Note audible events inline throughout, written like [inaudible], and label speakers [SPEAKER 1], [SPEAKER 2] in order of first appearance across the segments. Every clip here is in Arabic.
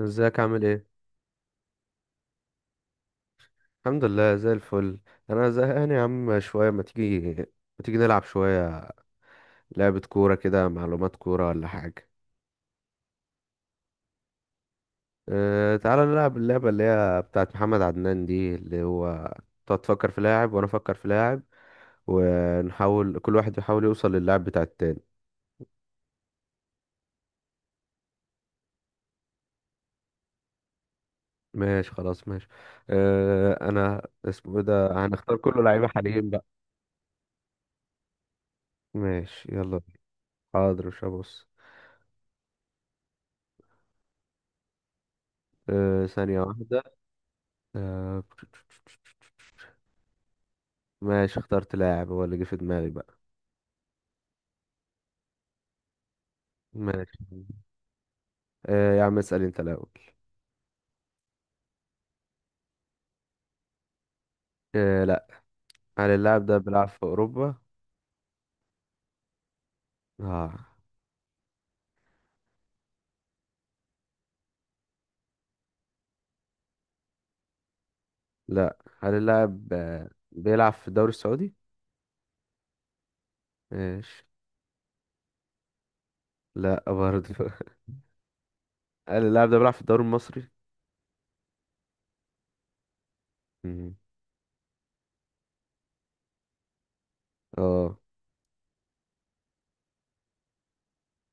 [SPEAKER 1] ازيك عامل ايه؟ الحمد لله زي الفل. انا زهقان يا عم شويه، ما تيجي نلعب شويه. لعبه كوره كده، معلومات كوره ولا حاجه؟ تعالى نلعب اللعبه اللي هي بتاعت محمد عدنان دي اللي هو تقعد تفكر في لاعب وانا افكر في لاعب، ونحاول كل واحد يحاول يوصل للاعب بتاع التاني. ماشي خلاص ماشي. انا اسمه ايه ده، هنختار كله لعيبه حاليين بقى. ماشي يلا بينا. حاضر مش هبص. ثانيه واحده. أه. ماشي، اخترت لاعب هو اللي جه في دماغي بقى. ماشي. آه يا عم، اسأل انت الأول. آه، لا. هل اللاعب ده بيلعب في أوروبا؟ آه، لا. هل اللاعب بيلعب في الدوري السعودي؟ ماشي. لا برضه [laughs] هل اللاعب ده بيلعب في الدوري المصري؟ مم. اه.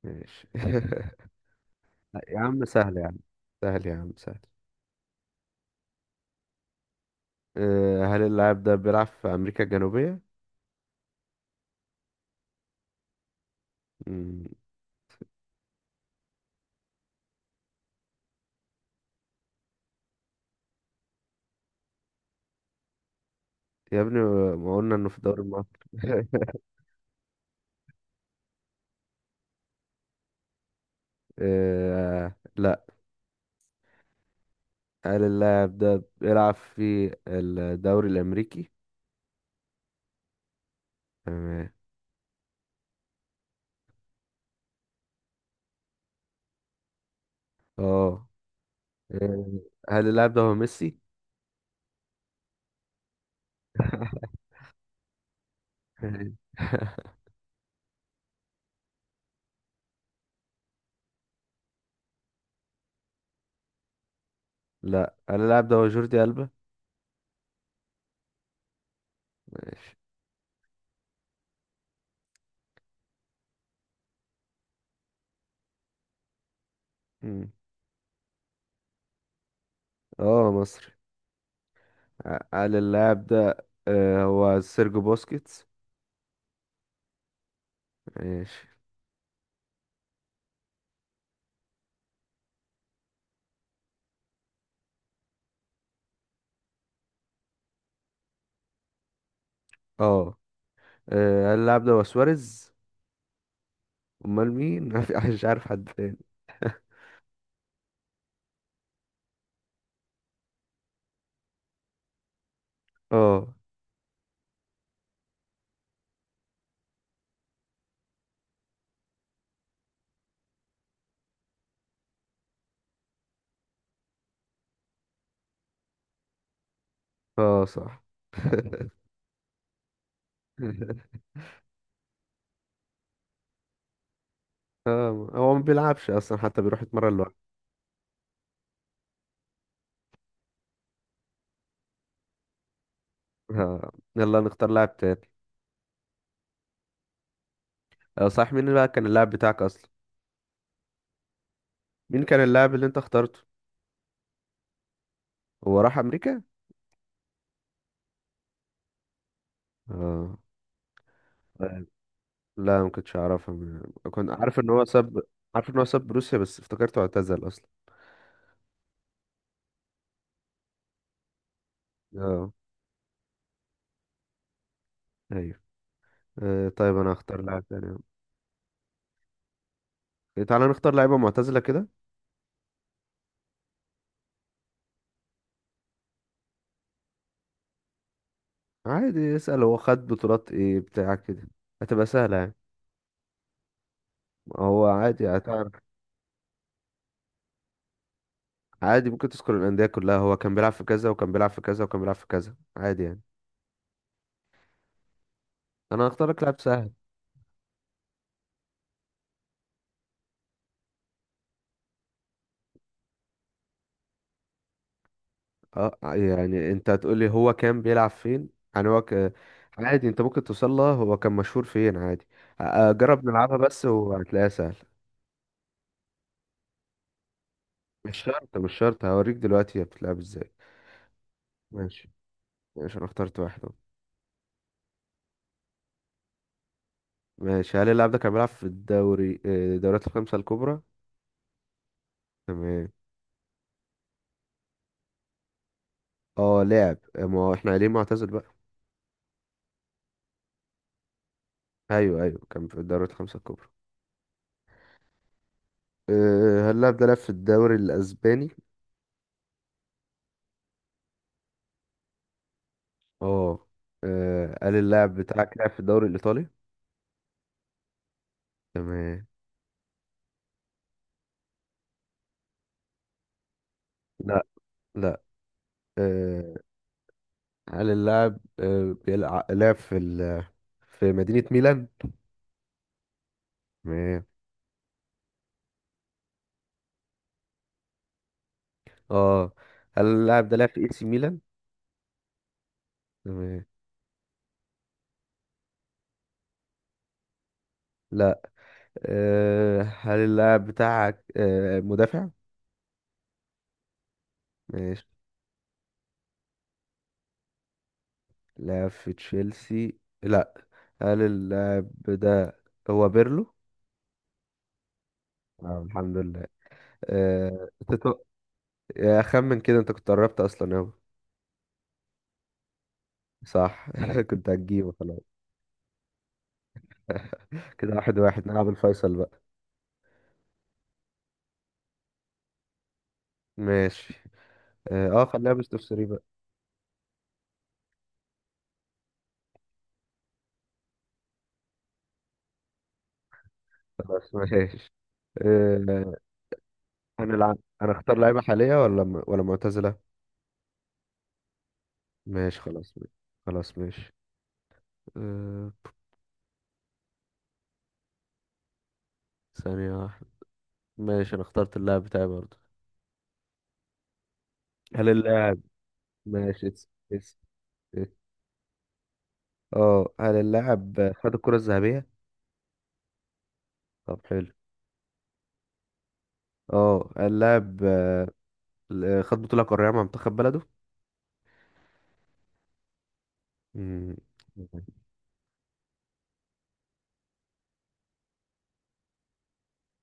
[SPEAKER 1] ماشي [laughs] يا عم سهل، يا عم سهل يا عم سهل. هل اللاعب ده بيلعب في أمريكا الجنوبية؟ مم. يا ابني، ما قلنا انه في الدوري المصري [laughs] آه، لا. هل اللاعب ده بيلعب في الدوري الأمريكي؟ تمام. اه. إيه، هل اللاعب ده هو ميسي؟ [laughs] تمام. لا، هل اللاعب ده هو جوردي ألبا؟ ماشي. مم. اه، مصري. هل اللاعب ده هو سيرجو بوسكيتس؟ ماشي. اه، هل اللاعب ده هو سواريز؟ أمال مين؟ [laughs] ما في- مش عارف حد تاني. [laughs] اه. اه، صح [laughs] اه، هو ما بيلعبش أصلا، حتى بيروح يتمرن لوحده. يلا نختار لاعب تاني. صح، مين بقى كان اللاعب بتاعك اصلا؟ مين كان اللاعب اللي انت اخترته؟ هو راح امريكا؟ اه. طيب. لا، ما كنتش اعرفها. كنت عارف ان هو ساب. عارف ان هو ساب روسيا بس افتكرته اعتزل اصلا. اه. ايوه. طيب، انا هختار لاعب تاني. إيه، تعالى نختار لعيبه معتزله كده. عادي، اسال هو خد بطولات ايه بتاع كده. هتبقى سهله يعني. هو عادي هتعرف. عادي ممكن تذكر الانديه كلها، هو كان بيلعب في كذا وكان بيلعب في كذا وكان بيلعب في كذا، عادي يعني. انا هختار لك لاعب سهل. اه، يعني انت هتقولي هو كان بيلعب فين. يعني هو ك... عادي انت ممكن توصل لها هو كان مشهور فين عادي. جرب نلعبها بس وهتلاقيها سهل. مش شرط، مش شرط، هوريك دلوقتي هي بتلعب ازاي. ماشي. ماشي، انا اخترت واحد اهو. ماشي، هل اللاعب ده كان بيلعب في الدوري، الدوريات الخمسة الكبرى؟ تمام. اه لعب، ما هو احنا قايلين معتزل بقى. ايوه، ايوه، كان في الدوريات الخمسة الكبرى. اه، هل اللاعب ده لعب في الدوري الاسباني؟ اه، اه، هل اللاعب بتاعك لعب في الدوري الايطالي؟ تمام. لا، لا. آه، هل اللاعب لعب في مدينة ميلان؟ تمام. اه، هل اللاعب ده لعب في اي سي ميلان؟ تمام. لا. هل اللاعب بتاعك مدافع؟ ماشي. لعب في تشيلسي؟ لا. هل اللاعب ده هو بيرلو؟ الحمد لله. آه، تتو- يا خمن كده، انت كنت قربت اصلا اوي. صح [laughs] كنت هتجيبه خلاص. [laughs] كده، واحد واحد نلعب الفيصل بقى. ماشي. اه، خليها بيست اوف 3 بقى. خلاص ماشي. آه، هنلعب، انا اختار لعيبة حالية ولا معتزلة؟ ماشي خلاص. خلاص ماشي. آه، ثانية واحدة. ماشي، انا اخترت اللاعب بتاعي برضه. هل اللاعب ماشي اس اس اس. اه، هل اللاعب خد الكرة الذهبية؟ طب حلو. اه، هل اللاعب خد بطولة قارية مع منتخب بلده؟ مم.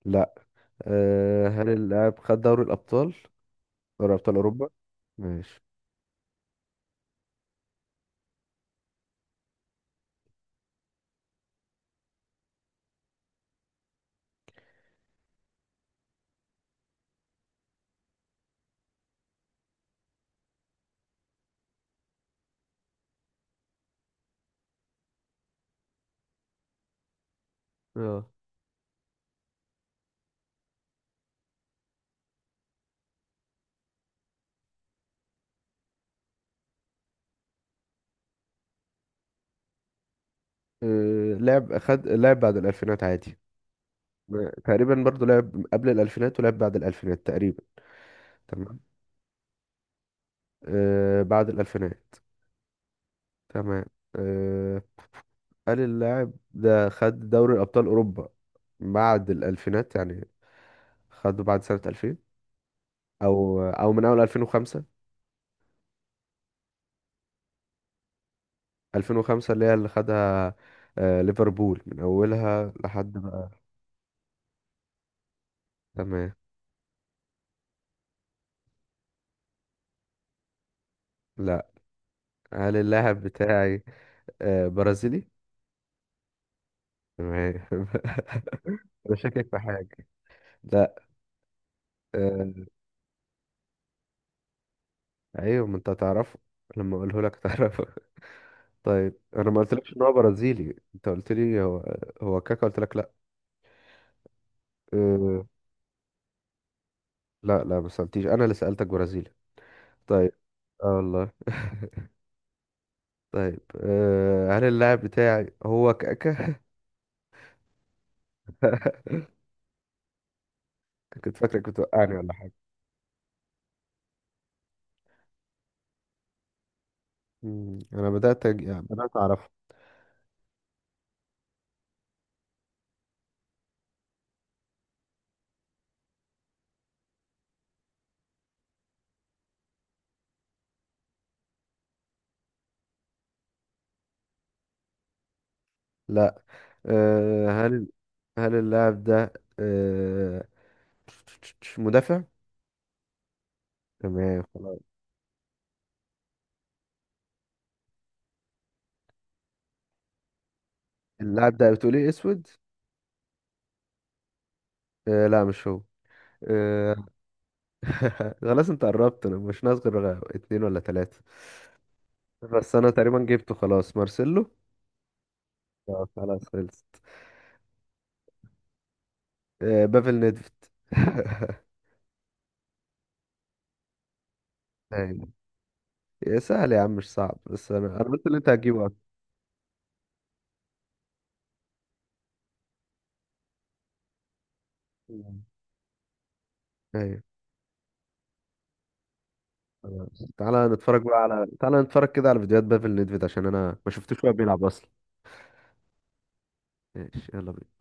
[SPEAKER 1] لا. هل اللاعب خد دوري الأبطال؟ دوري أبطال أوروبا. ماشي. اه. لعب بعد الألفينات عادي. تقريبا برضو لعب قبل الألفينات ولعب بعد الألفينات تقريبا. تمام. بعد الألفينات. تمام. آه. قال اللاعب ده خد دوري أبطال أوروبا بعد الألفينات يعني. خده بعد سنة 2000 أو من أول 2005، 2005 اللي هي اللي خدها. ليفربول من أولها لحد بقى. تمام. لا. هل اللاعب بتاعي برازيلي؟ تمام [laughs] أنا شاكك في حاجة. لا. آه، ايوه، ما انت هتعرفه. لما اقوله لك هتعرفه [laughs] طيب، انا ما قلتلكش ان هو برازيلي، انت قلت لي هو هو كاكا؟ قلت لك لا. أه... لا، لا، ما سالتيش، انا اللي سالتك برازيلي. طيب. اه والله [laughs] طيب، هل اللاعب بتاعي هو كاكا؟ [laughs] كنت فاكرك بتوقعني ولا حاجه. انا بدات يعني بدات اعرفه. لا. أه... هل هل اللاعب ده أه... [tsk] مدافع؟ تمام خلاص. اللاعب ده بتقول ايه، اسود؟ لا، مش هو. آه، [laughs] خلاص، انت قربت، انا مش ناقص غير اتنين ولا تلاتة. بس انا تقريبا جبته، خلاص، مارسيلو. اه، خلاص خلصت. بافل نيدفيد. [laughs] ايوه. يا سهل يا عم، مش صعب، بس انا قلت اللي انت هتجيبه اكتر. مم. ايوه. خلاص، تعالى نتفرج كده على فيديوهات بافل نيدفيد، عشان انا ما شفتوش وهو بيلعب اصلا. ماشي يلا بينا.